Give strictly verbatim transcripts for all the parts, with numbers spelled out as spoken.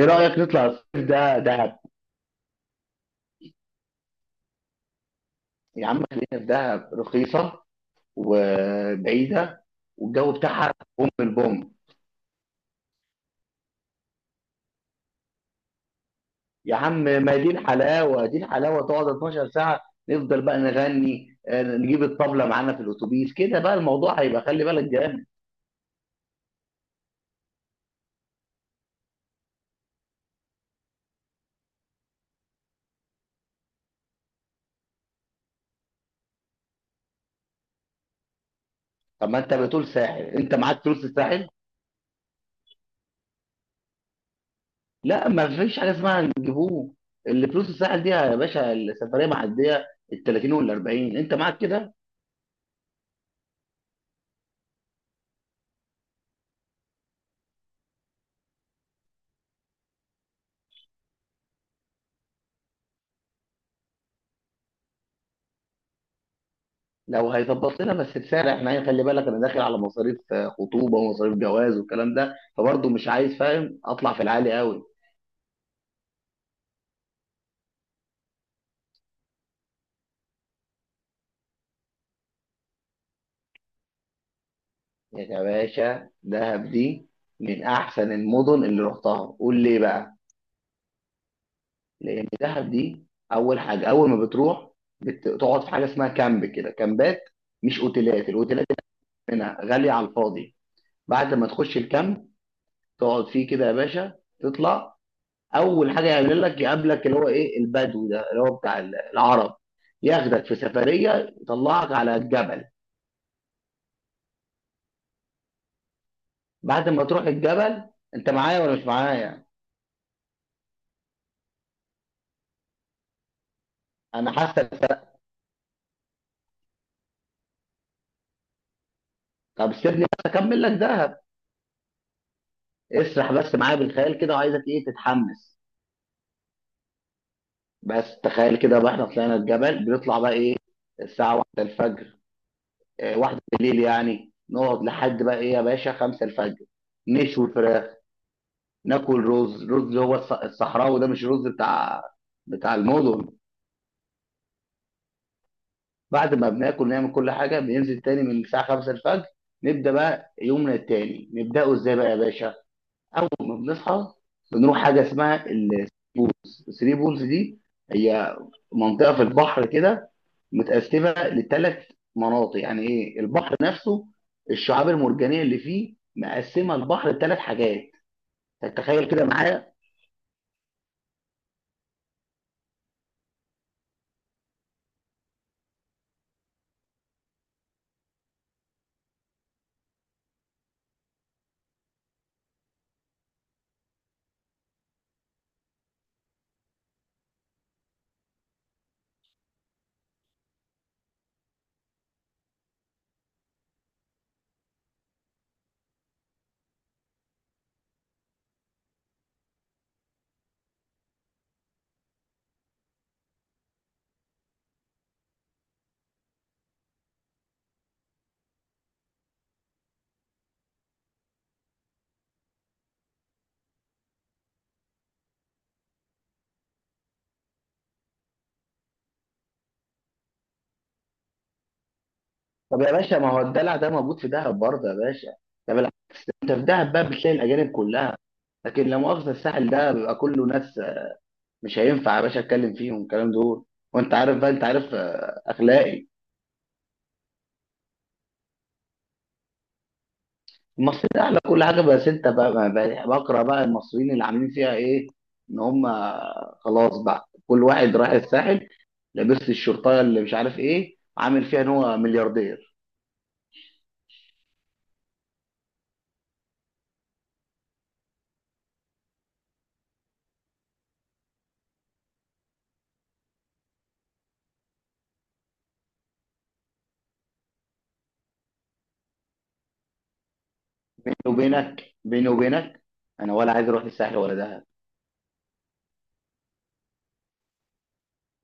ايه رأيك نطلع الصيف ده دهب. يا عم خلينا في دهب، رخيصة وبعيدة، والجو بتاعها بوم البوم. يا عم ما دي الحلاوة، دي الحلاوة تقعد اتناشر ساعة، نفضل بقى نغني، آه، نجيب الطبلة معانا في الأتوبيس كده، بقى الموضوع هيبقى خلي بالك جامد. طب ما أنت بتقول ساحل، أنت معاك فلوس الساحل؟ لا، ما فيش حاجة اسمها نجيبوه، اللي فلوس الساحل دي يا باشا السفرية معدية، ال تلاتين وال اربعين أنت معاك كده؟ لو هيظبط لنا بس بسعر احنا، يعني خلي بالك انا داخل على مصاريف آه، خطوبه ومصاريف جواز والكلام ده، فبرضه مش عايز فاهم اطلع في العالي قوي. يا باشا دهب دي من احسن المدن اللي رحتها، قول ليه بقى. لان دهب دي اول حاجه اول ما بتروح بتقعد في حاجه اسمها كامب، كده كامبات، مش اوتيلات، الاوتيلات هنا غاليه على الفاضي. بعد ما تخش الكامب تقعد فيه كده يا باشا، تطلع اول حاجه يعمل لك يقابلك اللي هو ايه، البدو ده اللي هو بتاع العرب، ياخدك في سفريه يطلعك على الجبل. بعد ما تروح الجبل، انت معايا ولا مش معايا؟ انا حاسك. طب سيبني بس اكمل لك دهب، اسرح بس معايا بالخيال كده، وعايزك ايه تتحمس. بس تخيل كده بقى، احنا طلعنا الجبل بنطلع بقى ايه، الساعه واحدة الفجر، اه، واحدة بالليل يعني، نقعد لحد بقى ايه يا باشا، خمسة الفجر، نشوي فراخ، ناكل رز، رز اللي هو الص- الصحراوي ده، مش رز بتاع بتاع المدن. بعد ما بناكل نعمل كل حاجه، بننزل تاني من الساعه خمسة الفجر. نبدا بقى يومنا التاني، نبداه ازاي بقى يا باشا؟ اول ما بنصحى بنروح حاجه اسمها البولز، الثري بولز دي هي منطقه في البحر كده، متقسمه لثلاث مناطق، يعني ايه، البحر نفسه الشعاب المرجانيه اللي فيه مقسمه البحر لثلاث حاجات. تتخيل كده معايا؟ طب يا باشا، ما هو الدلع ده موجود في دهب برضه يا باشا. طب العكس، انت في دهب بقى بتلاقي الاجانب كلها، لكن لا مؤاخذة الساحل ده بيبقى كله ناس مش هينفع يا باشا اتكلم فيهم الكلام دول، وانت عارف بقى، انت عارف آه، اخلاقي. المصريين اعلى كل حاجه، بس انت بقى بقى- بقى- بقرا بقى المصريين اللي عاملين فيها ايه. ان هم خلاص بقى كل واحد رايح الساحل لابس الشرطه اللي مش عارف ايه، عامل فيها ان هو ملياردير. بيني وبينك، بيني وبينك، انا ولا عايز اروح الساحل ولا دهب.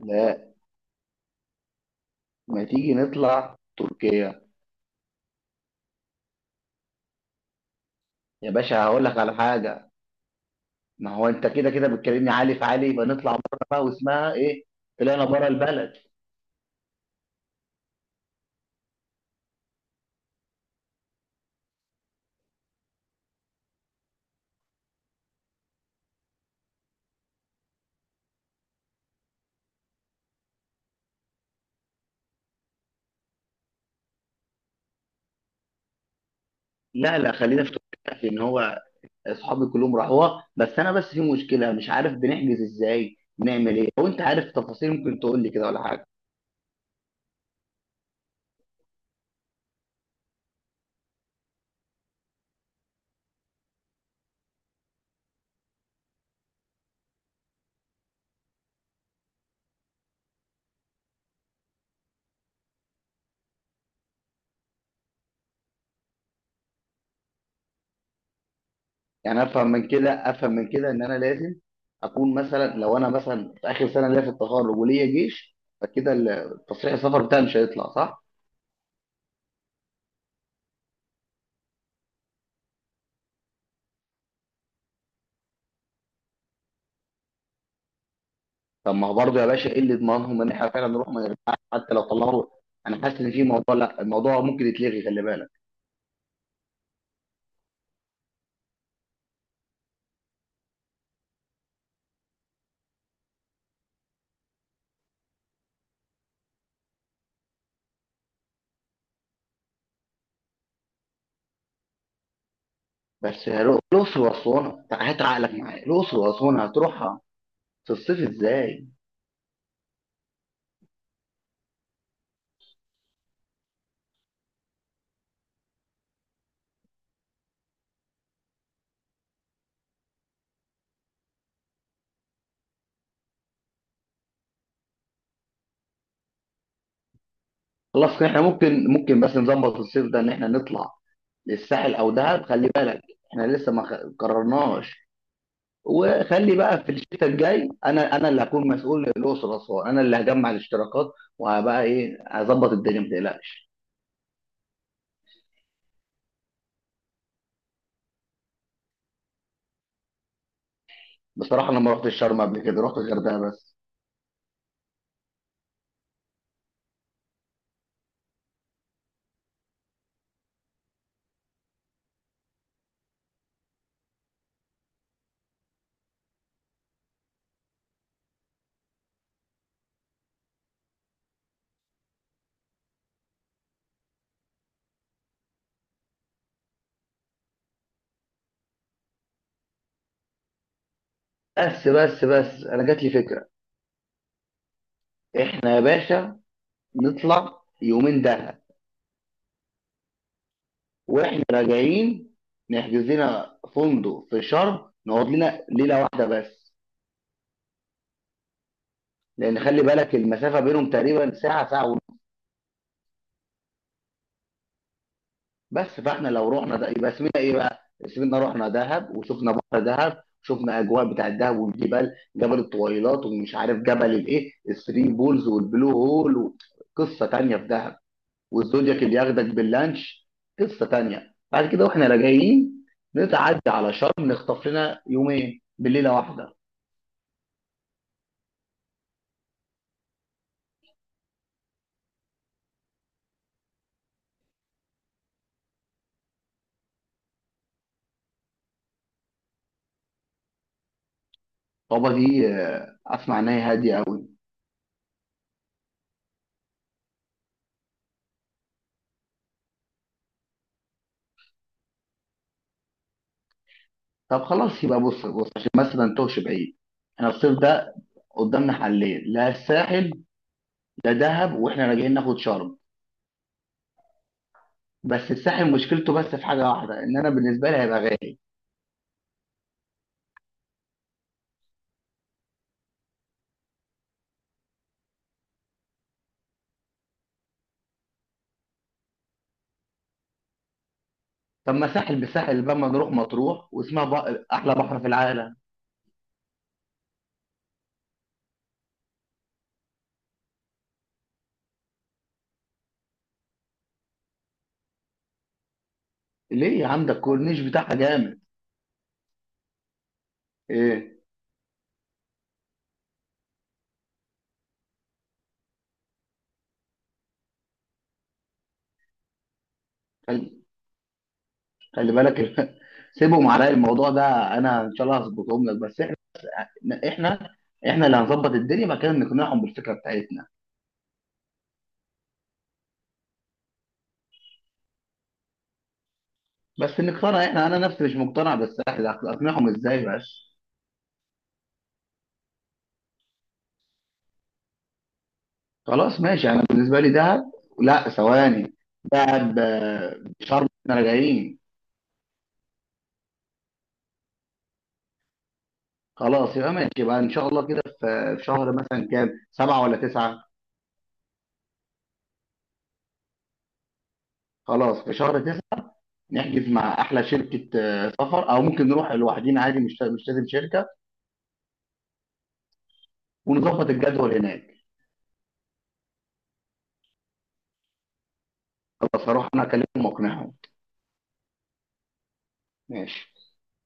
لا، ما تيجي نطلع تركيا. يا باشا هقول لك على حاجه، ما هو انت كده كده بتكلمني عالي في عالي، يبقى نطلع بره بقى واسمها ايه، طلعنا بره البلد. لا لا، خلينا في تركيا. في ان هو اصحابي كلهم راحوها، بس انا بس في مشكله مش عارف بنحجز ازاي، نعمل ايه، لو انت عارف تفاصيل ممكن تقول لي كده ولا حاجه. يعني افهم من كده، افهم من كده، ان انا لازم اكون مثلا، لو انا مثلا في اخر سنه ليا في التخرج وليا جيش، فكده ال- تصريح السفر بتاعي مش هيطلع صح. طب ما هو برضه يا باشا، ايه اللي يضمنهم ان احنا فعلا نروح ما نرجعش حتى لو طلعوا؟ انا حاسس ان في موضوع، لا الموضوع ممكن يتلغي، خلي بالك. بس هرو- الاقصر واسوان، تع- هات عقلك معايا، الاقصر واسوان هتروحها في الصيف ازاي؟ خلاص كده احنا ممكن ممكن بس نظبط الصيف ده ان احنا نطلع للساحل او دهب، خلي بالك احنا لسه ما خ- قررناش. وخلي بقى في الشتاء الجاي انا انا اللي هكون مسؤول للاقصر واسوان، انا اللي هجمع الاشتراكات، وهبقى ايه، هظبط الدنيا ما تقلقش. بصراحه انا ما رحتش شرم قبل كده، رحت الغردقه بس. بس بس بس انا جات لي فكره. احنا يا باشا نطلع يومين دهب، واحنا راجعين نحجز لنا فندق في شرم نقعد لنا ليله واحده بس. لان خلي بالك المسافه بينهم تقريبا ساعه، ساعه ونص. بس فاحنا لو رحنا ده يبقى اسمنا ايه بقى؟ اسمنا رحنا دهب وشفنا بحر دهب، شفنا اجواء بتاع الدهب والجبال، جبل الطويلات ومش عارف جبل الايه، الثري بولز والبلو هول، قصه تانيه في دهب، والزودياك اللي ياخدك باللانش، قصه تانيه. بعد كده واحنا راجعين نتعدى على شرم نخطف لنا يومين بالليله واحده. طابا دي آه، اسمع ان هي هاديه قوي. طب خلاص يبقى، بص بص عشان بس ما نتوهش بعيد، احنا الصيف ده قدامنا حلين، لا الساحل لا دهب، واحنا راجعين ناخد شرم. بس الساحل مشكلته بس في حاجه واحده، ان انا بالنسبه لي هيبقى غالي. طب ما ساحل بساحل بقى، ما نروح مطروح واسمها، بق... احلى بحر في العالم. ليه يا عم، ده الكورنيش بتاعها جامد. ايه؟ خلي بالك سيبهم عليا الموضوع ده، انا ان شاء الله هظبطهم لك. بس احنا، احنا احنا اللي هنظبط الدنيا، مكان إن نقنعهم بالفكره بتاعتنا. بس نقتنع احنا، انا نفسي مش مقتنع، بس احنا اقنعهم ازاي بس. خلاص ماشي، انا بالنسبه لي دهب. لا ثواني، دهب آه، شرم احنا راجعين. خلاص يبقى ماشي، يبقى ان شاء الله كده في في شهر مثلا كام، سبعة ولا تسعة؟ خلاص في شهر تسعة. نحجز مع احلى شركه آه، سفر، او ممكن نروح لوحدينا عادي، مش مش لازم شركه، ونظبط الجدول هناك. خلاص هروح انا اكلمهم واقنعهم. ماشي.